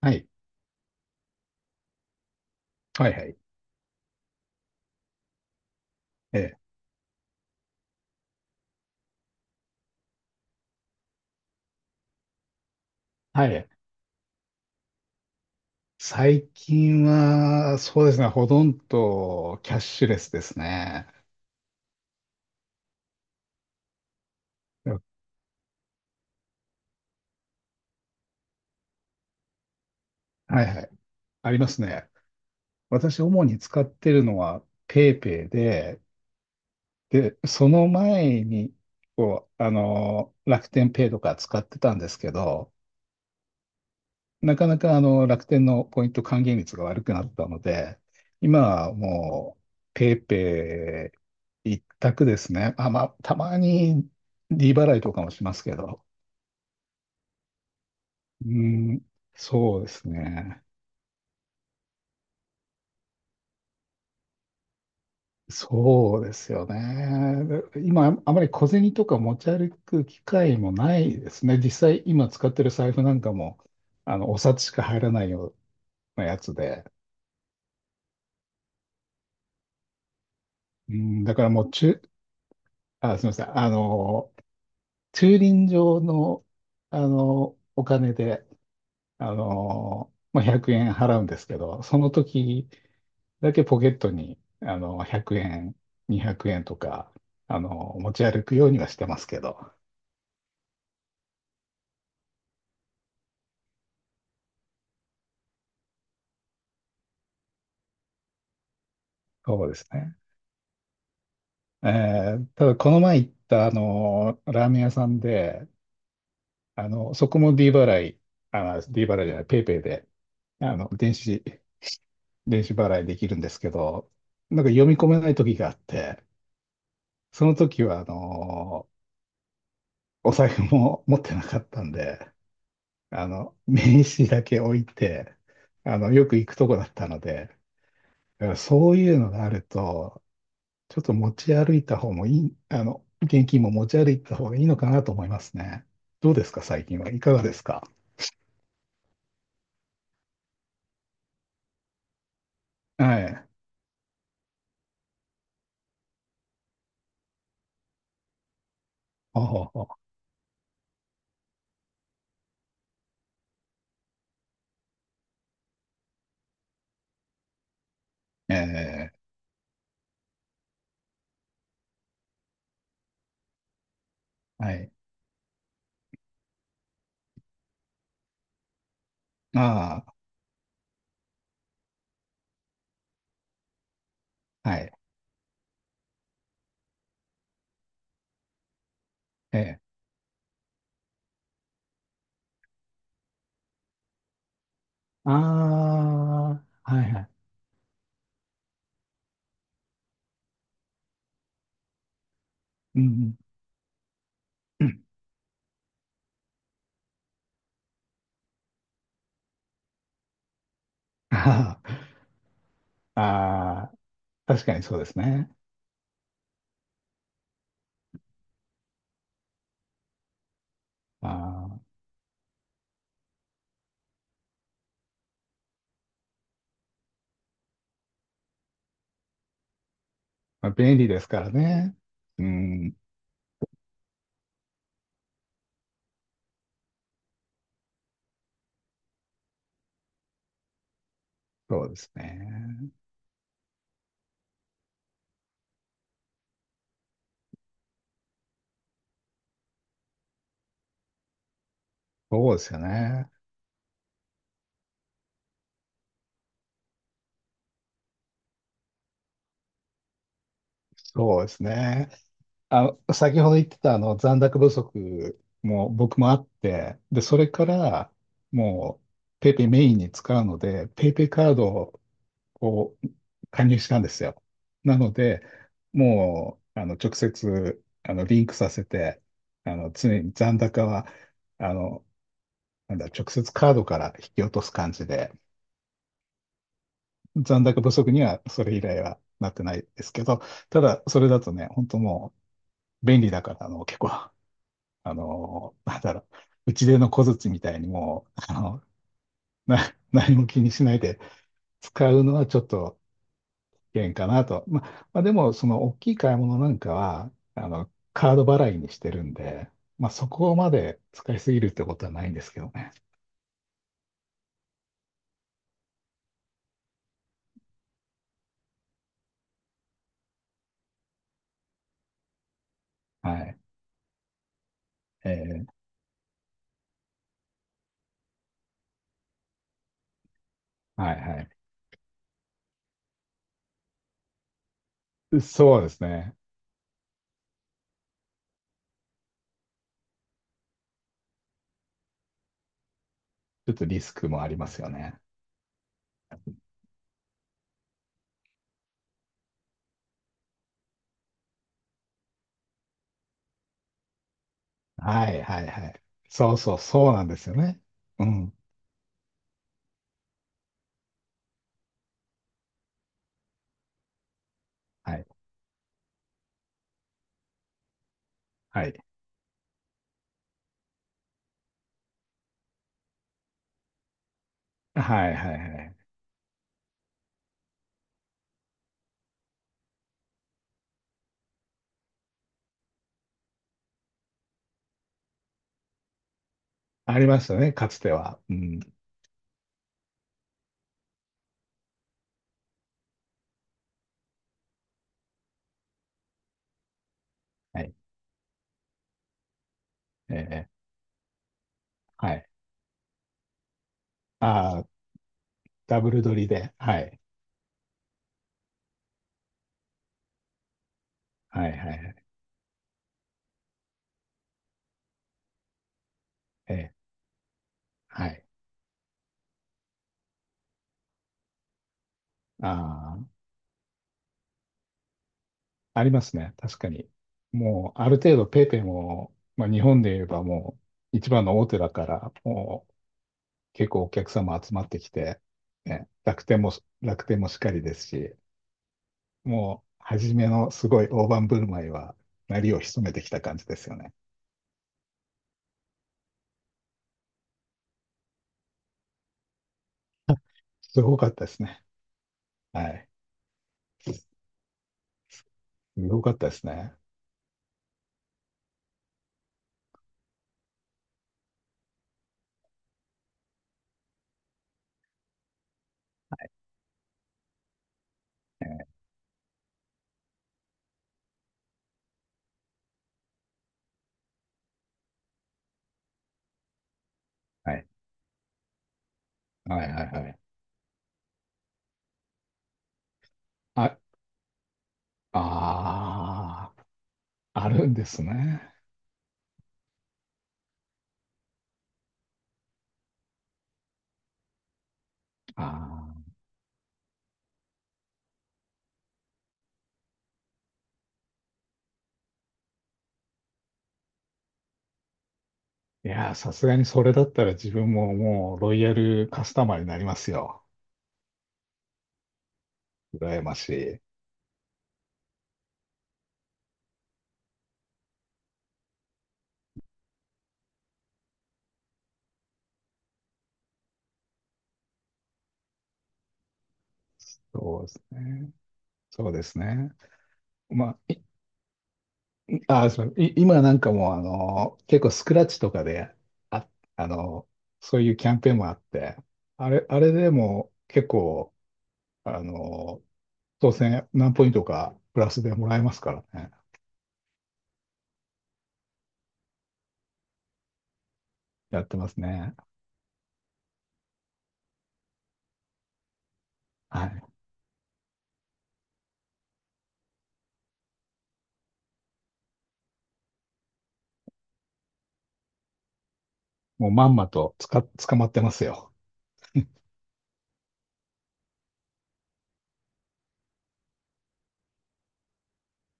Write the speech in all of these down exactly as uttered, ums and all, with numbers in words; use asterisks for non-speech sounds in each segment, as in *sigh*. はい。はいはい。ええ。はい。最近は、そうですね、ほとんどキャッシュレスですね。うん。はいはい。ありますね。私、主に使ってるのは PayPay で、で、その前に、こう、あの、楽天ペイとか使ってたんですけど、なかなかあの楽天のポイント還元率が悪くなったので、今はもう PayPay 一択ですね。あ、まあ、たまに利払いとかもしますけど。うん、そうですね。そうですよね。今、あまり小銭とか持ち歩く機会もないですね。実際、今使ってる財布なんかも、あの、お札しか入らないようなやつで。うん、だからもう、中、あ、すみません。あの、駐輪場の、あの、お金で、あの、まあ、ひゃくえん払うんですけど、その時だけポケットに、あの、ひゃくえん、にひゃくえんとか、あの、持ち歩くようにはしてますけど。そうですね。えーただ、この前行った、あの、ラーメン屋さんで、あの、そこも D 払い、あ、D 払いじゃない、ペイペイで、あの、電子、電子払いできるんですけど、なんか読み込めない時があって、その時は、あの、お財布も *laughs* 持ってなかったんで、あの、名刺だけ置いて、あの、よく行くとこだったので、だからそういうのがあると、ちょっと持ち歩いた方もいい、あの、現金も持ち歩いた方がいいのかなと思いますね。どうですか、最近はいかがですか？はい。ほうほうほう。えー、はい。ああ、はい。えー、ああ、はいはい。うんうん。ああ、*laughs* ああ、確かにそうですね。あー、まあ、便利ですからね。うん、そうですね。そうですよね。そうですね。あ、先ほど言ってたあの残高不足も僕もあって、で、それからもうペイペイメインに使うので、ペイペイカードを加入したんですよ。なので、もうあの直接あのリンクさせて、あの常に残高はあのなんだ、直接カードから引き落とす感じで、残高不足にはそれ以来はなってないですけど、ただそれだとね、本当もう便利だからあの結構あの、なんだろう、打ちでの小槌みたいにもう、*laughs* あの、な、何も気にしないで使うのはちょっと危険かなと。ま、まあ、でも、その大きい買い物なんかは、あの、カード払いにしてるんで、まあ、そこまで使いすぎるってことはないんですけどね。はい。えー、はいはい。そうですね。ちょっとリスクもありますよね。はいはいはい。そうそう、そうなんですよね。うん。はい。はい。はいはいはい。ありましたね、かつては。うん。はい。ええ。はい。ああ、ダブル撮りで。はい。はいはいはい。ええ。はい。ああ、ありますね。確かに。もう、ある程度ペイペイも、まあ、日本で言えばもう、一番の大手だから、もう、結構お客様集まってきて、ね、楽天も、楽天もしっかりですし、もう、初めのすごい大盤振る舞いは、鳴りを潜めてきた感じですよね。すごかったですね。はい。すごかったですね。ええ。はい。はいはいはい。あ、ああ、あるんですね。ああ。いやー、さすがにそれだったら自分ももうロイヤルカスタマーになりますよ。羨ましい。そうですね。そうですね。まあ、いあー、そうい今なんかもうあの結構スクラッチとかで、あ、あのそういうキャンペーンもあって、あれ、あれでも結構、あの当選何ポイントかプラスでもらえますからね。やってますね。はい。もうまんまとつか、捕まってますよ。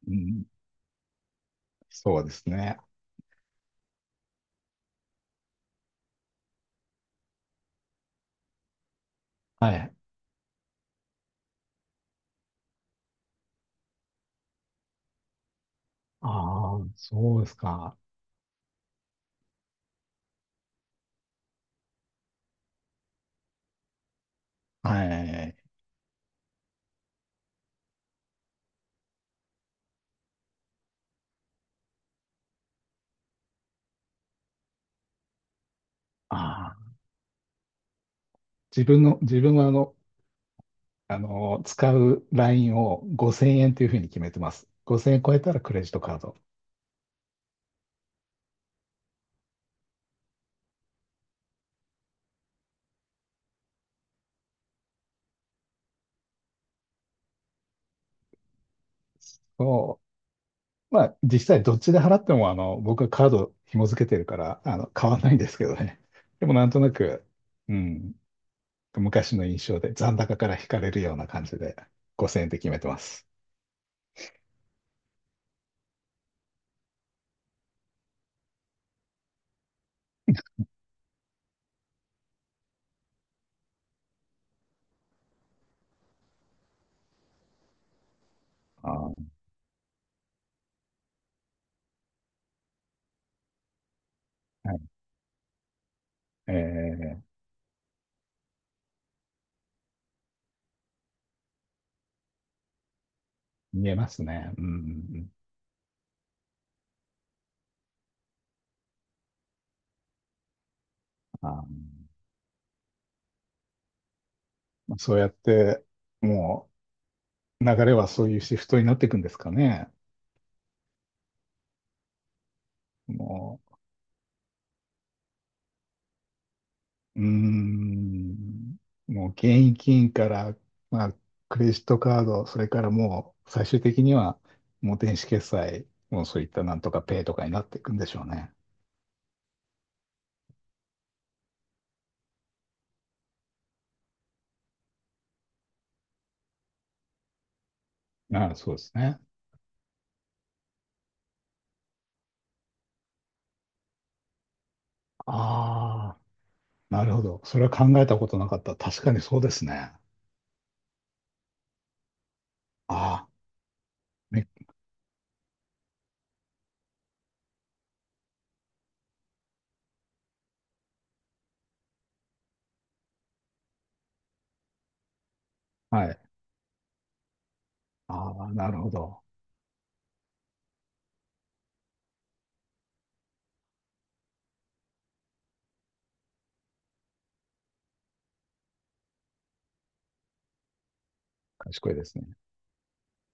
うん、そうですね。はい。ああ、そうですか。はい。ああ、自分の、自分はあの、あの、使うラインをごせんえんというふうに決めてます。ごせんえん超えたらクレジットカードを、まあ、実際どっちで払っても、あの、僕はカード紐付けてるから、あの、変わらないんですけどね。*laughs* でもなんとなく、うん、昔の印象で残高から引かれるような感じでごせんえんで決めてます。ああ、はい。えー、見えますね。うん。あー、まあそうやって、もう流れはそういうシフトになっていくんですかね。もう、うーん、もう現金から、まあ、クレジットカード、それからもう最終的にはもう電子決済、もうそういったなんとかペイとかになっていくんでしょうね。ああ、そうですね。ああ、なるほど。それは考えたことなかった。確かにそうですね。ああ、ね、はい。ああ、なるほど。賢いですね。